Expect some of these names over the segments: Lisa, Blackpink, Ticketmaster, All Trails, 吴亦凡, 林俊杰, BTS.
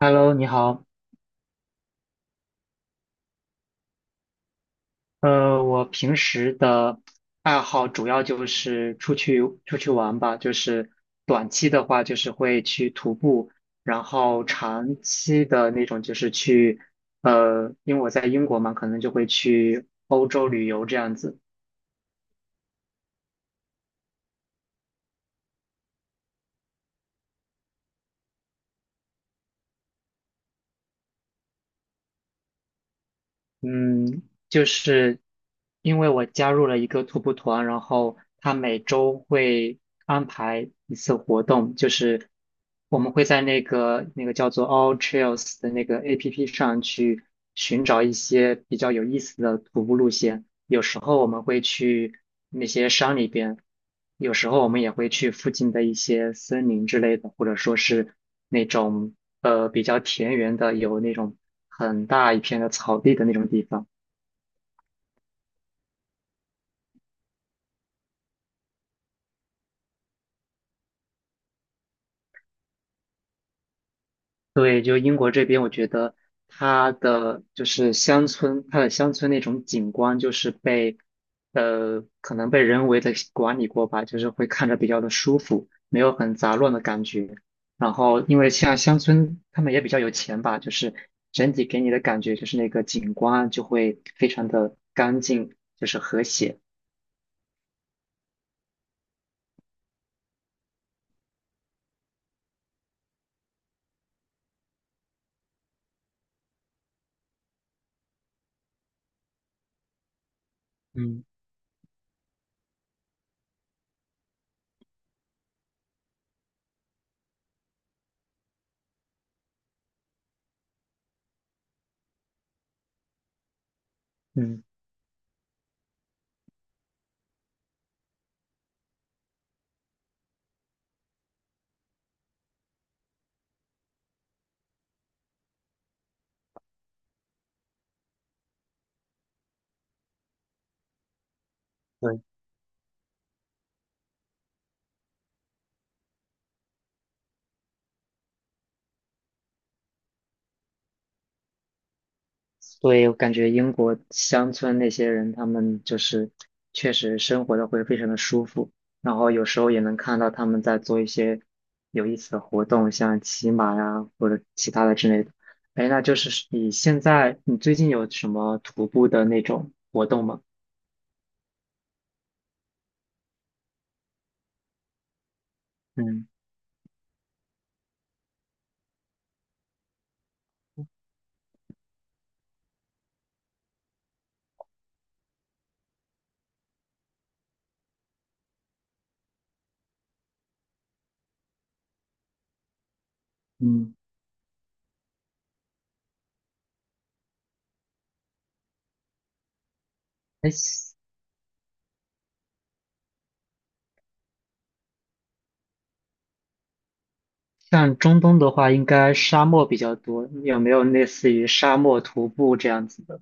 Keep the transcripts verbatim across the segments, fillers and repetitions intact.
Hello，你好。呃，我平时的爱好主要就是出去出去玩吧，就是短期的话就是会去徒步，然后长期的那种就是去，呃，因为我在英国嘛，可能就会去欧洲旅游这样子。嗯，就是因为我加入了一个徒步团，然后他每周会安排一次活动，就是我们会在那个那个叫做 All Trails 的那个 A P P 上去寻找一些比较有意思的徒步路线。有时候我们会去那些山里边，有时候我们也会去附近的一些森林之类的，或者说是那种呃比较田园的，有那种很大一片的草地的那种地方。对，就英国这边，我觉得它的就是乡村，它的乡村那种景观，就是被呃可能被人为的管理过吧，就是会看着比较的舒服，没有很杂乱的感觉。然后，因为像乡村，他们也比较有钱吧，就是整体给你的感觉就是那个景观就会非常的干净，就是和谐。嗯，嗯，对，所以我感觉英国乡村那些人，他们就是确实生活的会非常的舒服，然后有时候也能看到他们在做一些有意思的活动，像骑马呀或者其他的之类的。哎，那就是你现在你最近有什么徒步的那种活动吗？嗯嗯，哎，像中东的话，应该沙漠比较多，有没有类似于沙漠徒步这样子的？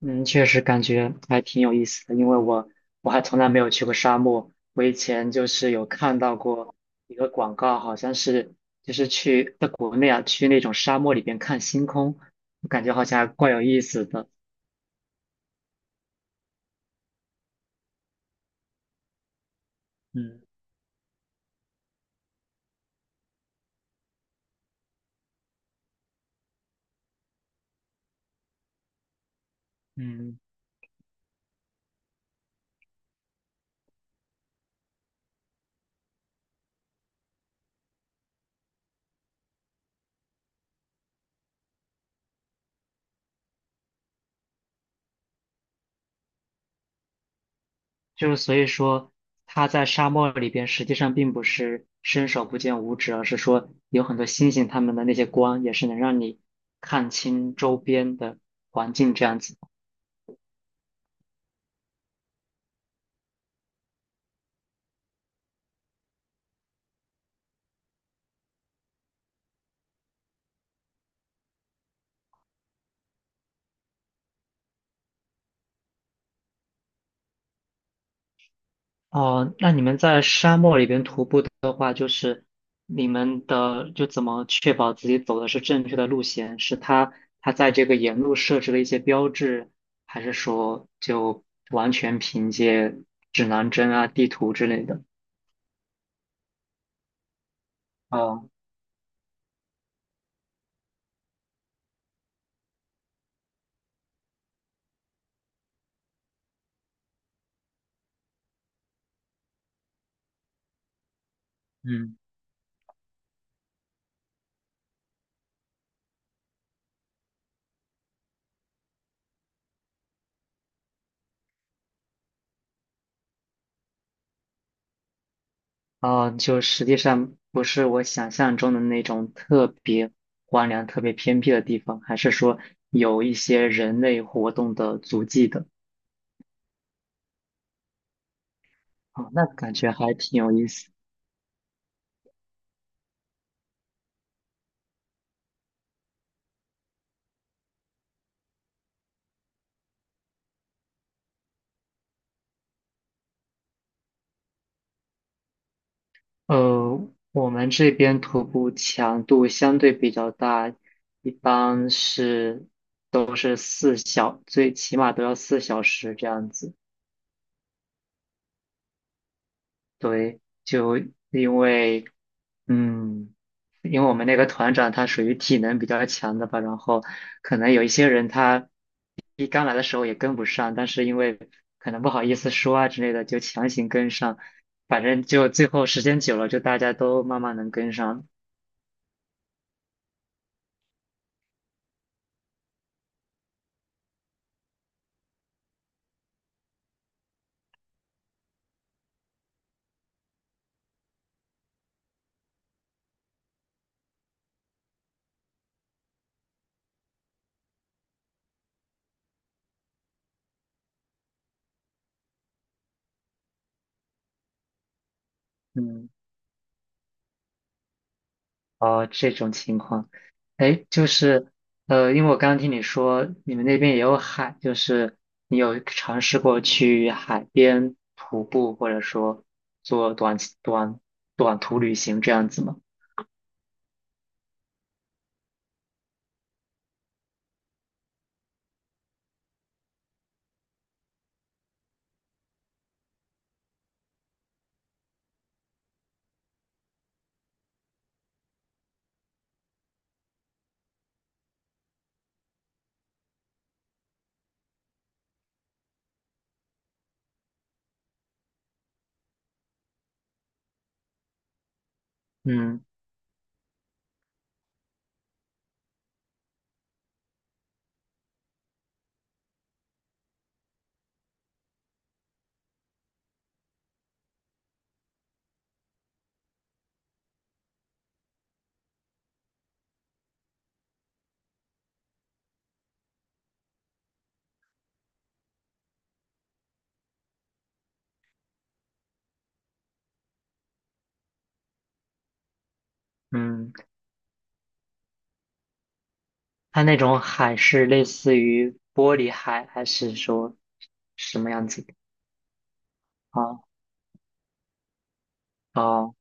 嗯，确实感觉还挺有意思的，因为我我还从来没有去过沙漠。我以前就是有看到过一个广告，好像是就是去在国内啊，去那种沙漠里边看星空，我感觉好像还怪有意思的。嗯嗯，就是所以说他在沙漠里边实际上并不是伸手不见五指，而是说有很多星星它们的那些光也是能让你看清周边的环境这样子。哦，那你们在沙漠里边徒步的话，就是你们的就怎么确保自己走的是正确的路线？是他他在这个沿路设置了一些标志，还是说就完全凭借指南针啊、地图之类的？哦，嗯哦，就实际上不是我想象中的那种特别荒凉、特别偏僻的地方，还是说有一些人类活动的足迹的？哦，那感觉还挺有意思。呃，我们这边徒步强度相对比较大，一般是都是四小，最起码都要四小时这样子。对，就因为，嗯，因为我们那个团长他属于体能比较强的吧，然后可能有一些人他一刚来的时候也跟不上，但是因为可能不好意思说啊之类的，就强行跟上，反正就最后时间久了，就大家都慢慢能跟上。嗯。哦，这种情况，哎，就是，呃，因为我刚刚听你说你们那边也有海，就是你有尝试过去海边徒步，或者说做短短短途旅行这样子吗？嗯嗯，它那种海是类似于玻璃海，还是说什么样子的？哦哦，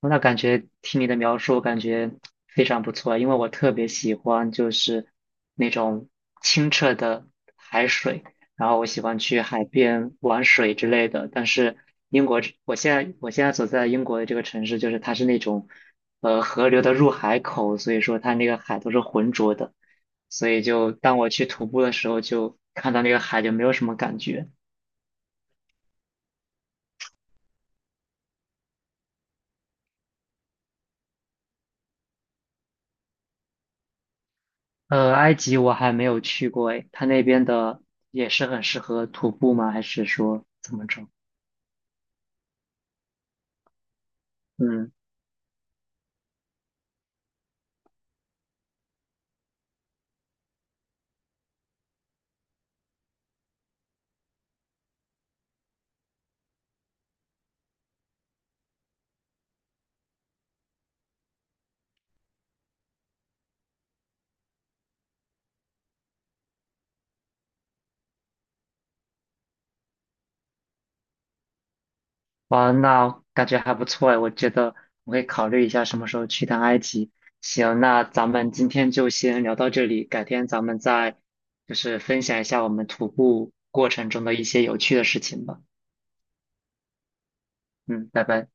那感觉听你的描述，感觉非常不错，因为我特别喜欢就是那种清澈的海水，然后我喜欢去海边玩水之类的。但是英国这我现在我现在所在的英国的这个城市，就是它是那种呃河流的入海口，所以说它那个海都是浑浊的，所以就当我去徒步的时候，就看到那个海就没有什么感觉。呃，埃及我还没有去过诶，它那边的也是很适合徒步吗？还是说怎么着？嗯，哇，那感觉还不错诶，我觉得我会考虑一下什么时候去趟埃及。行，那咱们今天就先聊到这里，改天咱们再就是分享一下我们徒步过程中的一些有趣的事情吧。嗯，拜拜。